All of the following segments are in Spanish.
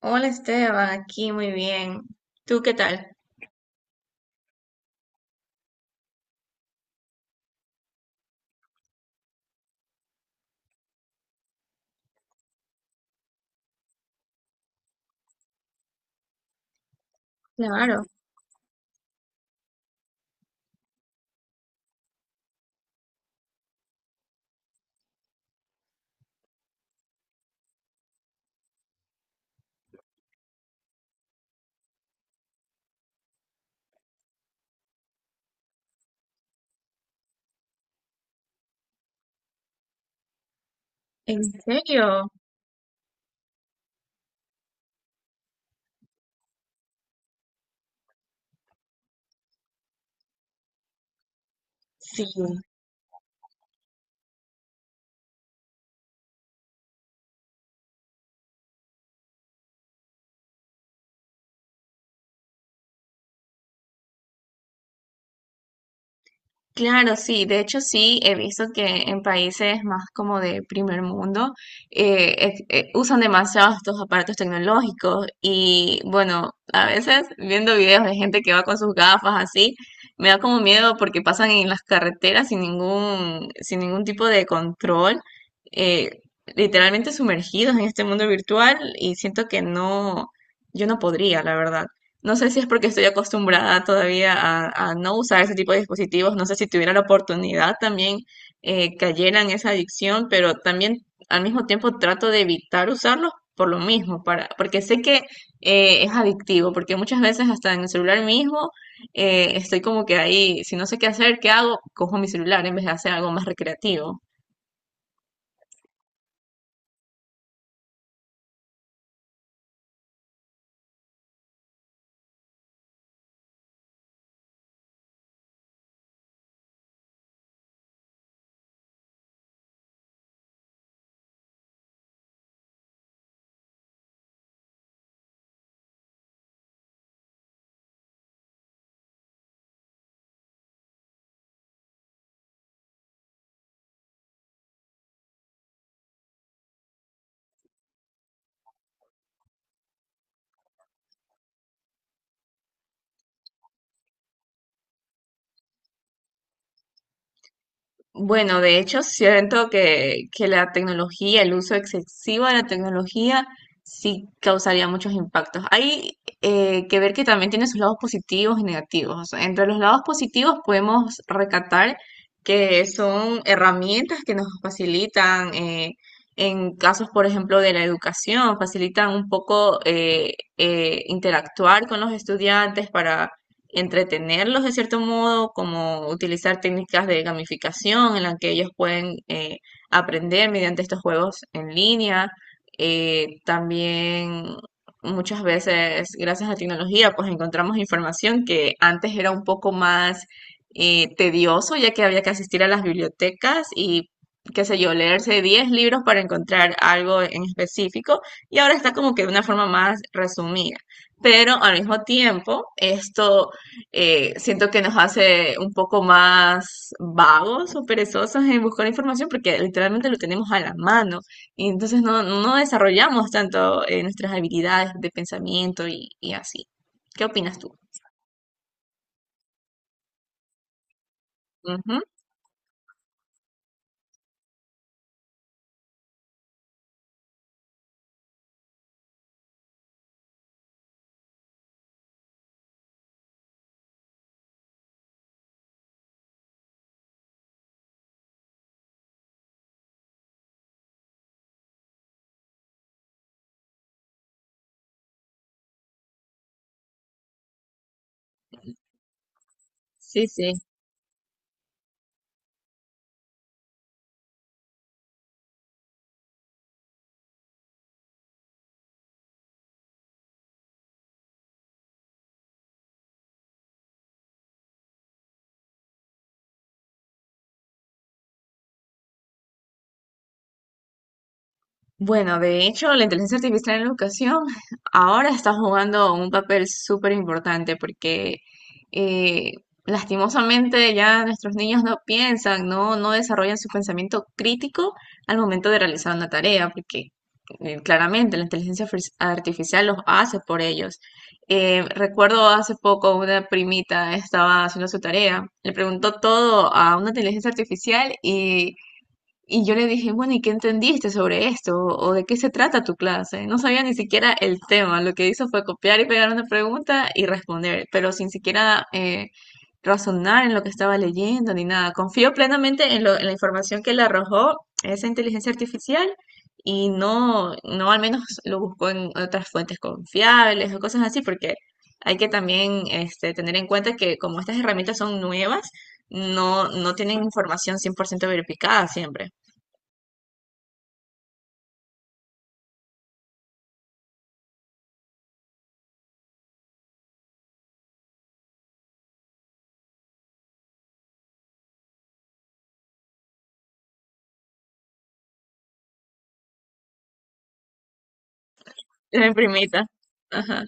Hola Esteban, aquí muy bien. ¿Tú qué tal? Claro, ¿en serio? Sí. Claro, sí, de hecho sí, he visto que en países más como de primer mundo usan demasiado estos aparatos tecnológicos y bueno, a veces viendo videos de gente que va con sus gafas así, me da como miedo porque pasan en las carreteras sin ningún tipo de control, eh, literalmente sumergidos en este mundo virtual y siento que no, yo no podría, la verdad. No sé si es porque estoy acostumbrada todavía a no usar ese tipo de dispositivos. No sé si tuviera la oportunidad también cayera en esa adicción, pero también al mismo tiempo trato de evitar usarlos por lo mismo, porque sé que es adictivo, porque muchas veces hasta en el celular mismo estoy como que ahí, si no sé qué hacer, ¿qué hago? Cojo mi celular en vez de hacer algo más recreativo. Bueno, de hecho, siento que la tecnología, el uso excesivo de la tecnología, sí causaría muchos impactos. Hay que ver que también tiene sus lados positivos y negativos. O sea, entre los lados positivos podemos recatar que son herramientas que nos facilitan, en casos, por ejemplo, de la educación, facilitan un poco interactuar con los estudiantes entretenerlos de cierto modo, como utilizar técnicas de gamificación en las que ellos pueden aprender mediante estos juegos en línea. También muchas veces, gracias a la tecnología, pues encontramos información que antes era un poco más tedioso, ya que había que asistir a las bibliotecas y, qué sé yo, leerse 10 libros para encontrar algo en específico, y ahora está como que de una forma más resumida. Pero al mismo tiempo, esto siento que nos hace un poco más vagos o perezosos en buscar información porque literalmente lo tenemos a la mano y entonces no, no desarrollamos tanto nuestras habilidades de pensamiento y así. ¿Qué opinas tú? Ujú. Sí, sí. Bueno, de hecho, la inteligencia artificial en la educación ahora está jugando un papel súper importante porque eh, lastimosamente ya nuestros niños no piensan, no desarrollan su pensamiento crítico al momento de realizar una tarea, porque claramente la artificial los hace por ellos. Recuerdo hace poco una primita estaba haciendo su tarea, le preguntó todo a una inteligencia artificial y yo le dije, bueno, ¿y qué entendiste sobre esto? O de qué se trata tu clase? No sabía ni siquiera el tema. Lo que hizo fue copiar y pegar una pregunta y responder, pero sin siquiera razonar en lo que estaba leyendo ni nada. Confío plenamente en la información que le arrojó esa inteligencia artificial y no, no al menos lo buscó en otras fuentes confiables o cosas así, porque hay que también este, tener en cuenta que como estas herramientas son nuevas, no, no tienen información 100% verificada siempre. La primita. Ajá.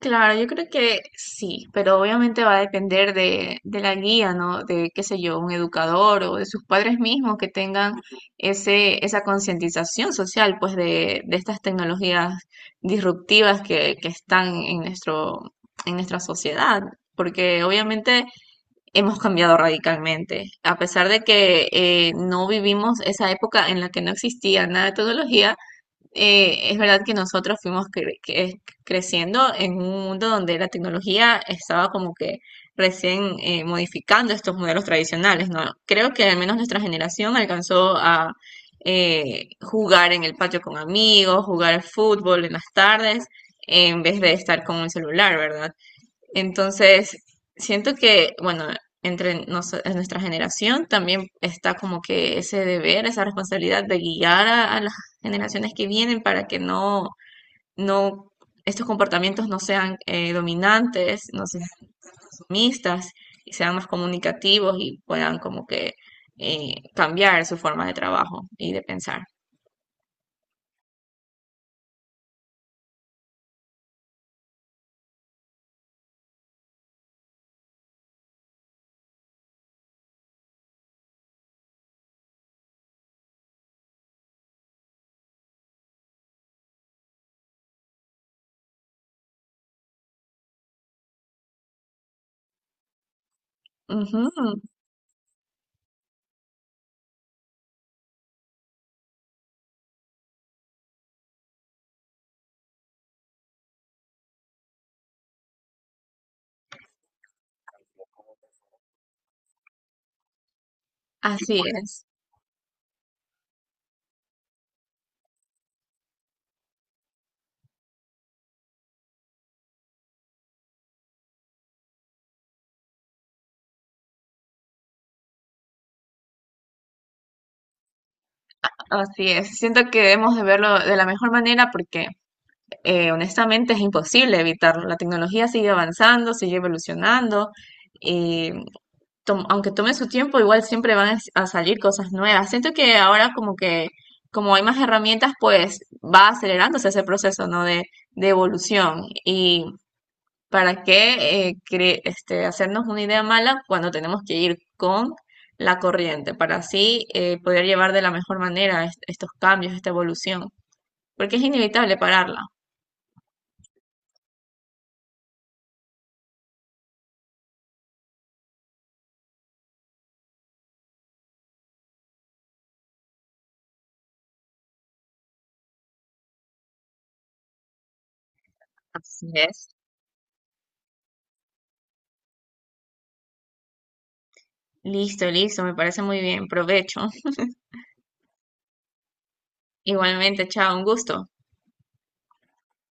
Claro, yo creo que sí, pero obviamente va a depender de la guía, ¿no? De, qué sé yo, un educador o de sus padres mismos que tengan esa concientización social, pues, de estas tecnologías disruptivas que están en nuestro, en nuestra sociedad, porque obviamente hemos cambiado radicalmente. A pesar de que no vivimos esa época en la que no existía nada de tecnología, es verdad que nosotros creciendo en un mundo donde la tecnología estaba como que recién modificando estos modelos tradicionales, ¿no? Creo que al menos nuestra generación alcanzó a jugar en el patio con amigos, jugar al fútbol en las tardes, en vez de estar con un celular, ¿verdad? Entonces, siento que, bueno, en nuestra generación también está como que ese deber, esa responsabilidad de guiar a las generaciones que vienen para que no, estos comportamientos no sean dominantes, no sean sumistas y sean más comunicativos y puedan como que cambiar su forma de trabajo y de pensar. Ujú. Así es, así es. Siento que debemos de verlo de la mejor manera porque honestamente es imposible evitarlo. La tecnología sigue avanzando, sigue evolucionando. Y aunque tome su tiempo, igual siempre van a salir cosas nuevas. Siento que ahora como que, como hay más herramientas, pues va acelerándose ese proceso, ¿no? De evolución. Y para qué este, hacernos una idea mala cuando tenemos que ir con la corriente, para así poder llevar de la mejor manera estos cambios, esta evolución, porque es inevitable pararla. Así es. Listo, listo, me parece muy bien. Provecho. Igualmente, chao, un gusto.